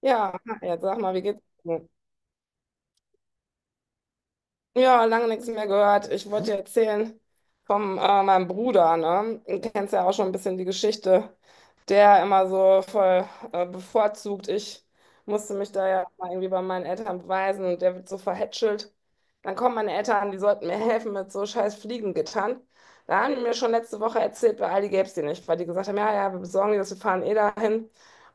Ja, ja, sag mal, wie geht's dir? Ja, lange nichts mehr gehört. Ich wollte dir erzählen von meinem Bruder, ne? Du kennst ja auch schon ein bisschen die Geschichte, der immer so voll bevorzugt. Ich musste mich da ja mal irgendwie bei meinen Eltern beweisen, und der wird so verhätschelt. Dann kommen meine Eltern, die sollten mir helfen mit so scheiß Fliegengittern. Da haben die mir schon letzte Woche erzählt, bei Aldi gäbe es die nicht, weil die gesagt haben, ja, ja, wir besorgen die das, wir fahren eh dahin.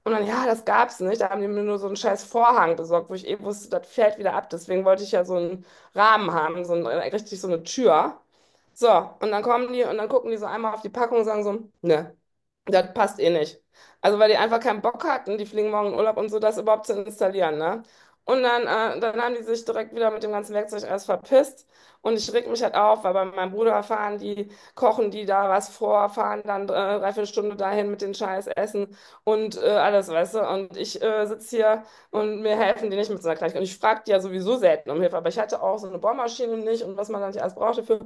Und dann, ja, das gab's nicht. Da haben die mir nur so einen scheiß Vorhang besorgt, wo ich eh wusste, das fällt wieder ab. Deswegen wollte ich ja so einen Rahmen haben, so ein, richtig so eine Tür. So, und dann kommen die und dann gucken die so einmal auf die Packung und sagen so, ne, das passt eh nicht. Also weil die einfach keinen Bock hatten, die fliegen morgen in Urlaub und so, das überhaupt zu installieren, ne? Und dann haben die sich direkt wieder mit dem ganzen Werkzeug alles verpisst. Und ich reg mich halt auf, weil bei meinem Bruder fahren die, kochen die da was vor, fahren dann drei, vier Stunden dahin mit den scheiß Essen und alles, weißt du. Und ich sitze hier und mir helfen die nicht mit so einer Kleinigkeit. Und ich frage die ja sowieso selten um Hilfe, aber ich hatte auch so eine Bohrmaschine nicht und was man dann nicht alles brauchte für,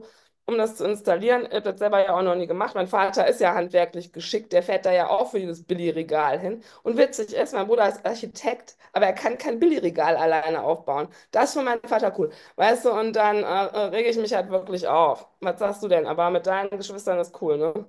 um das zu installieren. Ich habe das selber ja auch noch nie gemacht. Mein Vater ist ja handwerklich geschickt, der fährt da ja auch für jedes Billigregal hin. Und witzig ist, mein Bruder ist Architekt, aber er kann kein Billigregal alleine aufbauen. Das ist für meinen Vater cool. Weißt du, und dann rege ich mich halt wirklich auf. Was sagst du denn? Aber mit deinen Geschwistern ist cool, ne?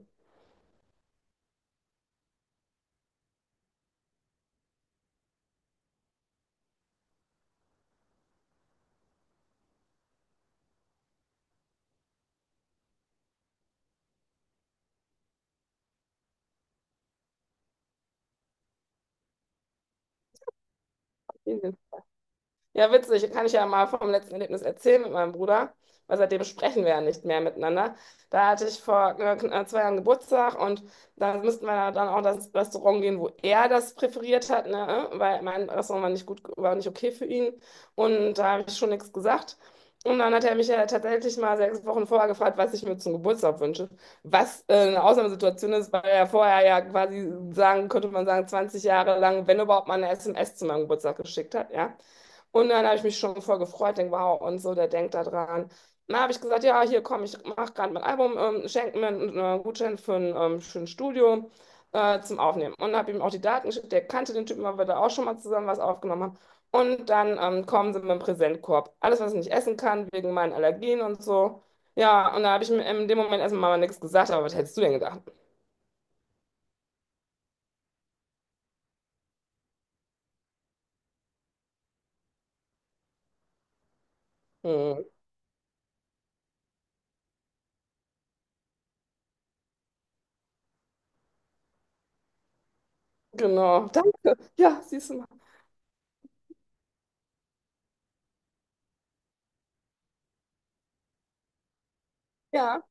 Ja, witzig. Kann ich ja mal vom letzten Erlebnis erzählen mit meinem Bruder, weil seitdem sprechen wir ja nicht mehr miteinander. Da hatte ich vor zwei Jahren Geburtstag, und da müssten wir ja dann auch das Restaurant gehen, wo er das präferiert hat, ne? Weil mein Restaurant war nicht gut, war nicht okay für ihn, und da habe ich schon nichts gesagt. Und dann hat er mich ja tatsächlich mal 6 Wochen vorher gefragt, was ich mir zum Geburtstag wünsche. Was eine Ausnahmesituation ist, weil er vorher ja quasi sagen, könnte man sagen, 20 Jahre lang, wenn überhaupt mal eine SMS zu meinem Geburtstag geschickt hat, ja. Und dann habe ich mich schon voll gefreut, denke, wow, und so, der denkt da dran. Dann habe ich gesagt, ja, hier komm, ich mache gerade mein Album, schenke mir einen Gutschein für ein schönes Studio zum Aufnehmen. Und habe ihm auch die Daten geschickt, der kannte den Typen, weil wir da auch schon mal zusammen was aufgenommen haben. Und dann kommen sie mit dem Präsentkorb. Alles, was ich nicht essen kann, wegen meinen Allergien und so. Ja, und da habe ich mir in dem Moment erstmal mal nichts gesagt, aber was hättest du denn gedacht? Hm, genau, danke. Ja, siehst du mal. Ja.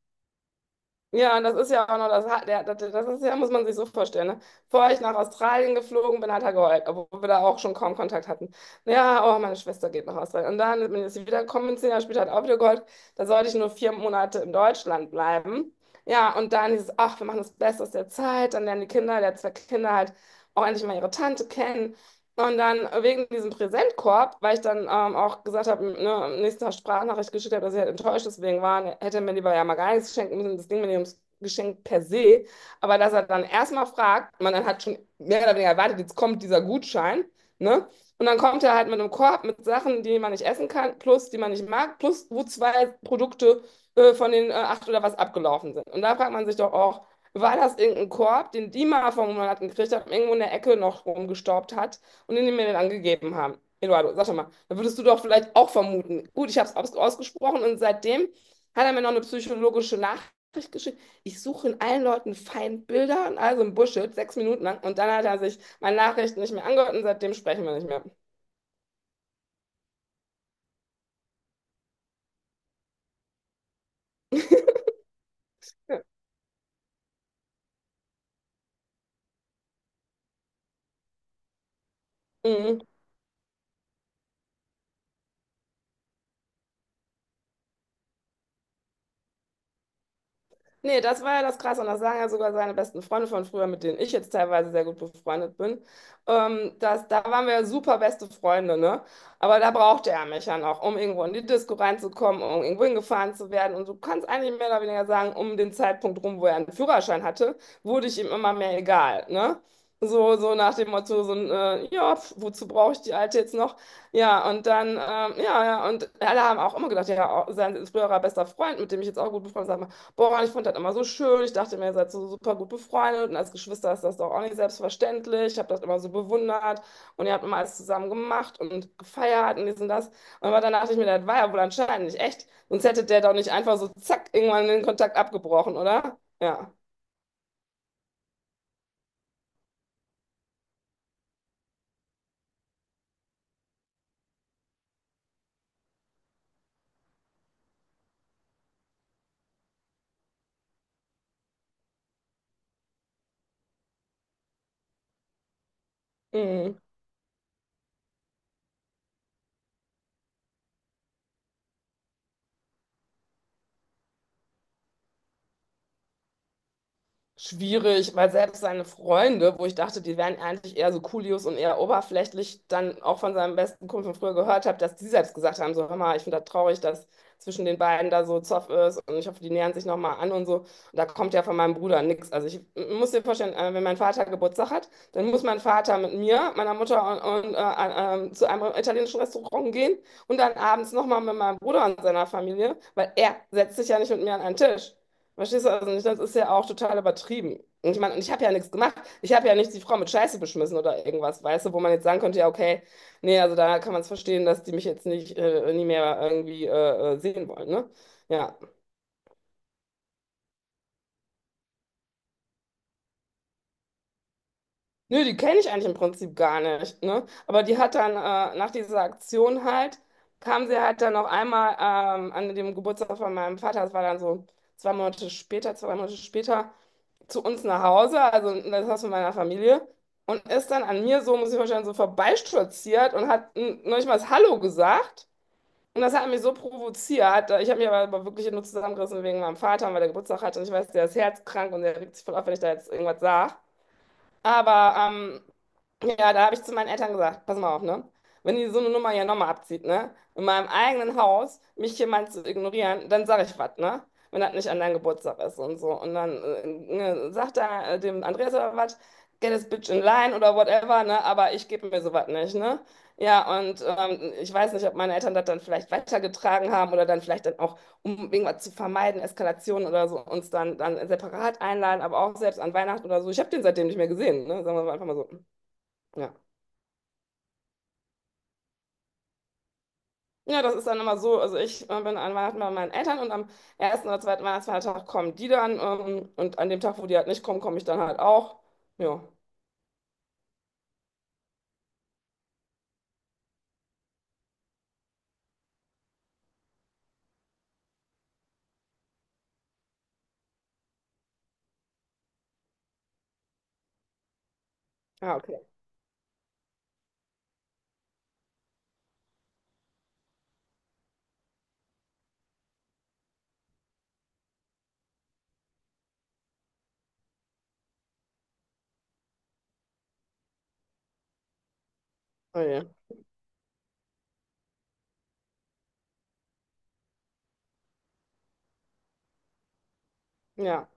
Ja, und das ist ja auch noch das, das ist ja, muss man sich so vorstellen. Ne? Bevor ich nach Australien geflogen bin, hat er geheult, obwohl wir da auch schon kaum Kontakt hatten. Ja, oh, meine Schwester geht nach Australien. Und dann bin ich wiedergekommen, bin, 10 Jahre später hat er auch wieder geheult. Da sollte ich nur 4 Monate in Deutschland bleiben. Ja, und dann hieß es, ach, wir machen das Beste aus der Zeit. Dann lernen die Kinder, der hat zwei Kinder halt, auch endlich mal ihre Tante kennen. Und dann wegen diesem Präsentkorb, weil ich dann auch gesagt habe, ne, am nächsten Tag Sprachnachricht geschickt habe, dass ich halt enttäuscht deswegen war, hätte er mir lieber ja mal gar nichts schenken müssen, das Ding mir nicht ums Geschenk per se. Aber dass er dann erstmal fragt, man dann hat schon mehr oder weniger erwartet, jetzt kommt dieser Gutschein, ne? Und dann kommt er halt mit einem Korb mit Sachen, die man nicht essen kann, plus die man nicht mag, plus wo zwei Produkte von den acht oder was abgelaufen sind. Und da fragt man sich doch auch, war das irgendein Korb, den die mal vor einem Monat gekriegt hat, irgendwo in der Ecke noch rumgestaubt hat und die mir den angegeben haben? Eduardo, sag doch mal, da würdest du doch vielleicht auch vermuten. Gut, ich habe es aus ausgesprochen, und seitdem hat er mir noch eine psychologische Nachricht geschickt. Ich suche in allen Leuten Feindbilder und also im Bullshit, 6 Minuten lang. Und dann hat er sich meine Nachricht nicht mehr angehört, und seitdem sprechen wir nicht mehr. Ja. Mhm. Nee, das war ja das Krasse. Und das sagen ja sogar seine besten Freunde von früher, mit denen ich jetzt teilweise sehr gut befreundet bin. Da waren wir ja super beste Freunde, ne? Aber da brauchte er mich ja noch, um irgendwo in die Disco reinzukommen, um irgendwo hingefahren zu werden. Und du kannst eigentlich mehr oder weniger sagen, um den Zeitpunkt rum, wo er einen Führerschein hatte, wurde ich ihm immer mehr egal, ne? So, so nach dem Motto, so ein, ja, pf, wozu brauche ich die Alte jetzt noch? Ja, und ja, ja, und alle haben auch immer gedacht, ja, auch sein früherer bester Freund, mit dem ich jetzt auch gut befreundet bin: Boah, ich fand das immer so schön. Ich dachte mir, ihr seid so super gut befreundet, und als Geschwister ist das doch auch nicht selbstverständlich. Ich habe das immer so bewundert, und ihr habt immer alles zusammen gemacht und gefeiert und dies und das. Und aber dann dachte ich mir, das war ja wohl anscheinend nicht echt. Sonst hätte der doch nicht einfach so zack irgendwann den Kontakt abgebrochen, oder? Ja. Mhm. Schwierig, weil selbst seine Freunde, wo ich dachte, die wären eigentlich eher so Coolios und eher oberflächlich, dann auch von seinem besten Kumpel von früher gehört habe, dass die selbst gesagt haben, so, hör mal, ich finde das traurig, dass zwischen den beiden da so Zoff ist, und ich hoffe, die nähern sich nochmal an und so. Und da kommt ja von meinem Bruder nichts. Also ich muss dir vorstellen, wenn mein Vater Geburtstag hat, dann muss mein Vater mit mir, meiner Mutter zu einem italienischen Restaurant gehen und dann abends nochmal mit meinem Bruder und seiner Familie, weil er setzt sich ja nicht mit mir an einen Tisch. Verstehst du? Also nicht, das ist ja auch total übertrieben. Und ich meine, und ich habe ja nichts gemacht. Ich habe ja nicht die Frau mit Scheiße beschmissen oder irgendwas, weißt du, wo man jetzt sagen könnte, ja, okay, nee, also da kann man es verstehen, dass die mich jetzt nicht, nie mehr irgendwie sehen wollen, ne? Ja. Nö, die kenne ich eigentlich im Prinzip gar nicht, ne? Aber die hat dann nach dieser Aktion halt, kam sie halt dann noch einmal an dem Geburtstag von meinem Vater, das war dann so 2 Monate später, zu uns nach Hause, also in das Haus von meiner Familie, und ist dann an mir so, muss ich vorstellen, so vorbeistolziert und hat noch nicht mal das Hallo gesagt. Und das hat mich so provoziert. Ich habe mich aber wirklich nur zusammengerissen wegen meinem Vater, weil der Geburtstag hatte. Und ich weiß, der ist herzkrank und der regt sich voll auf, wenn ich da jetzt irgendwas sage. Aber ja, da habe ich zu meinen Eltern gesagt, pass mal auf, ne? Wenn die so eine Nummer hier nochmal abzieht, ne? In meinem eigenen Haus, mich jemand zu ignorieren, dann sage ich was, ne? Wenn das nicht an deinem Geburtstag ist und so. Und dann ne, sagt er dem Andreas oder was, get this bitch in line oder whatever, ne? Aber ich gebe mir sowas nicht, ne? Ja, und ich weiß nicht, ob meine Eltern das dann vielleicht weitergetragen haben oder dann auch, um irgendwas zu vermeiden, Eskalationen oder so, uns dann separat einladen, aber auch selbst an Weihnachten oder so. Ich habe den seitdem nicht mehr gesehen, ne? Sagen wir mal einfach mal so. Ja. Ja, das ist dann immer so. Also ich bin an Weihnachten bei meinen Eltern und am ersten oder zweiten Weihnachtsfeiertag kommen die dann. Und an dem Tag, wo die halt nicht kommen, komme ich dann halt auch. Ja, ja, okay. Oh je. Ja.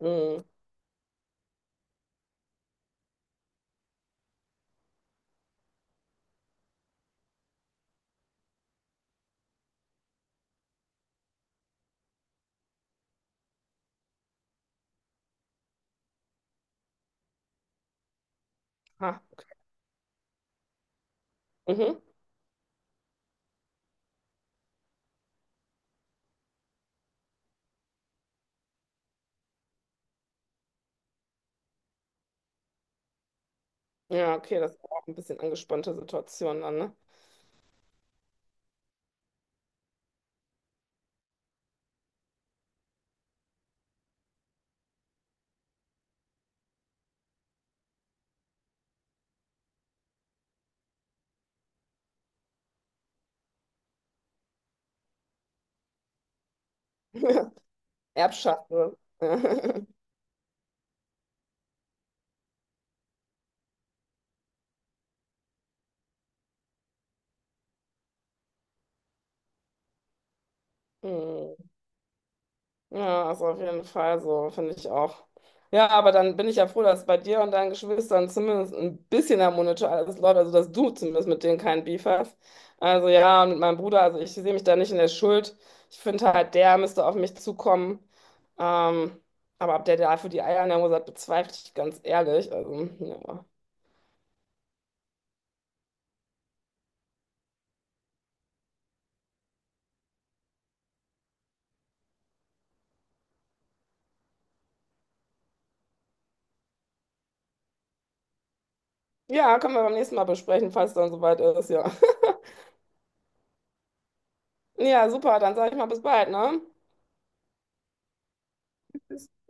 Mhm. Ha. Mhm. Ja, okay, das ist auch ein bisschen angespannte Situation dann, ne? Erbschaft. Ne? Mhm. Ja, ist auf jeden Fall so, finde ich auch. Ja, aber dann bin ich ja froh, dass bei dir und deinen Geschwistern zumindest ein bisschen harmonischer alles läuft, also dass du zumindest mit denen keinen Beef hast. Also ja, und mit meinem Bruder, also ich sehe mich da nicht in der Schuld. Ich finde halt, der müsste auf mich zukommen. Ähm, aber ob der dafür die Eier in der Hose hat, bezweifle ich ganz ehrlich. Also, ja. Ja, können wir beim nächsten Mal besprechen, falls dann soweit ist, ja. Ja, super, dann sage ich mal bis bald, ne? Bis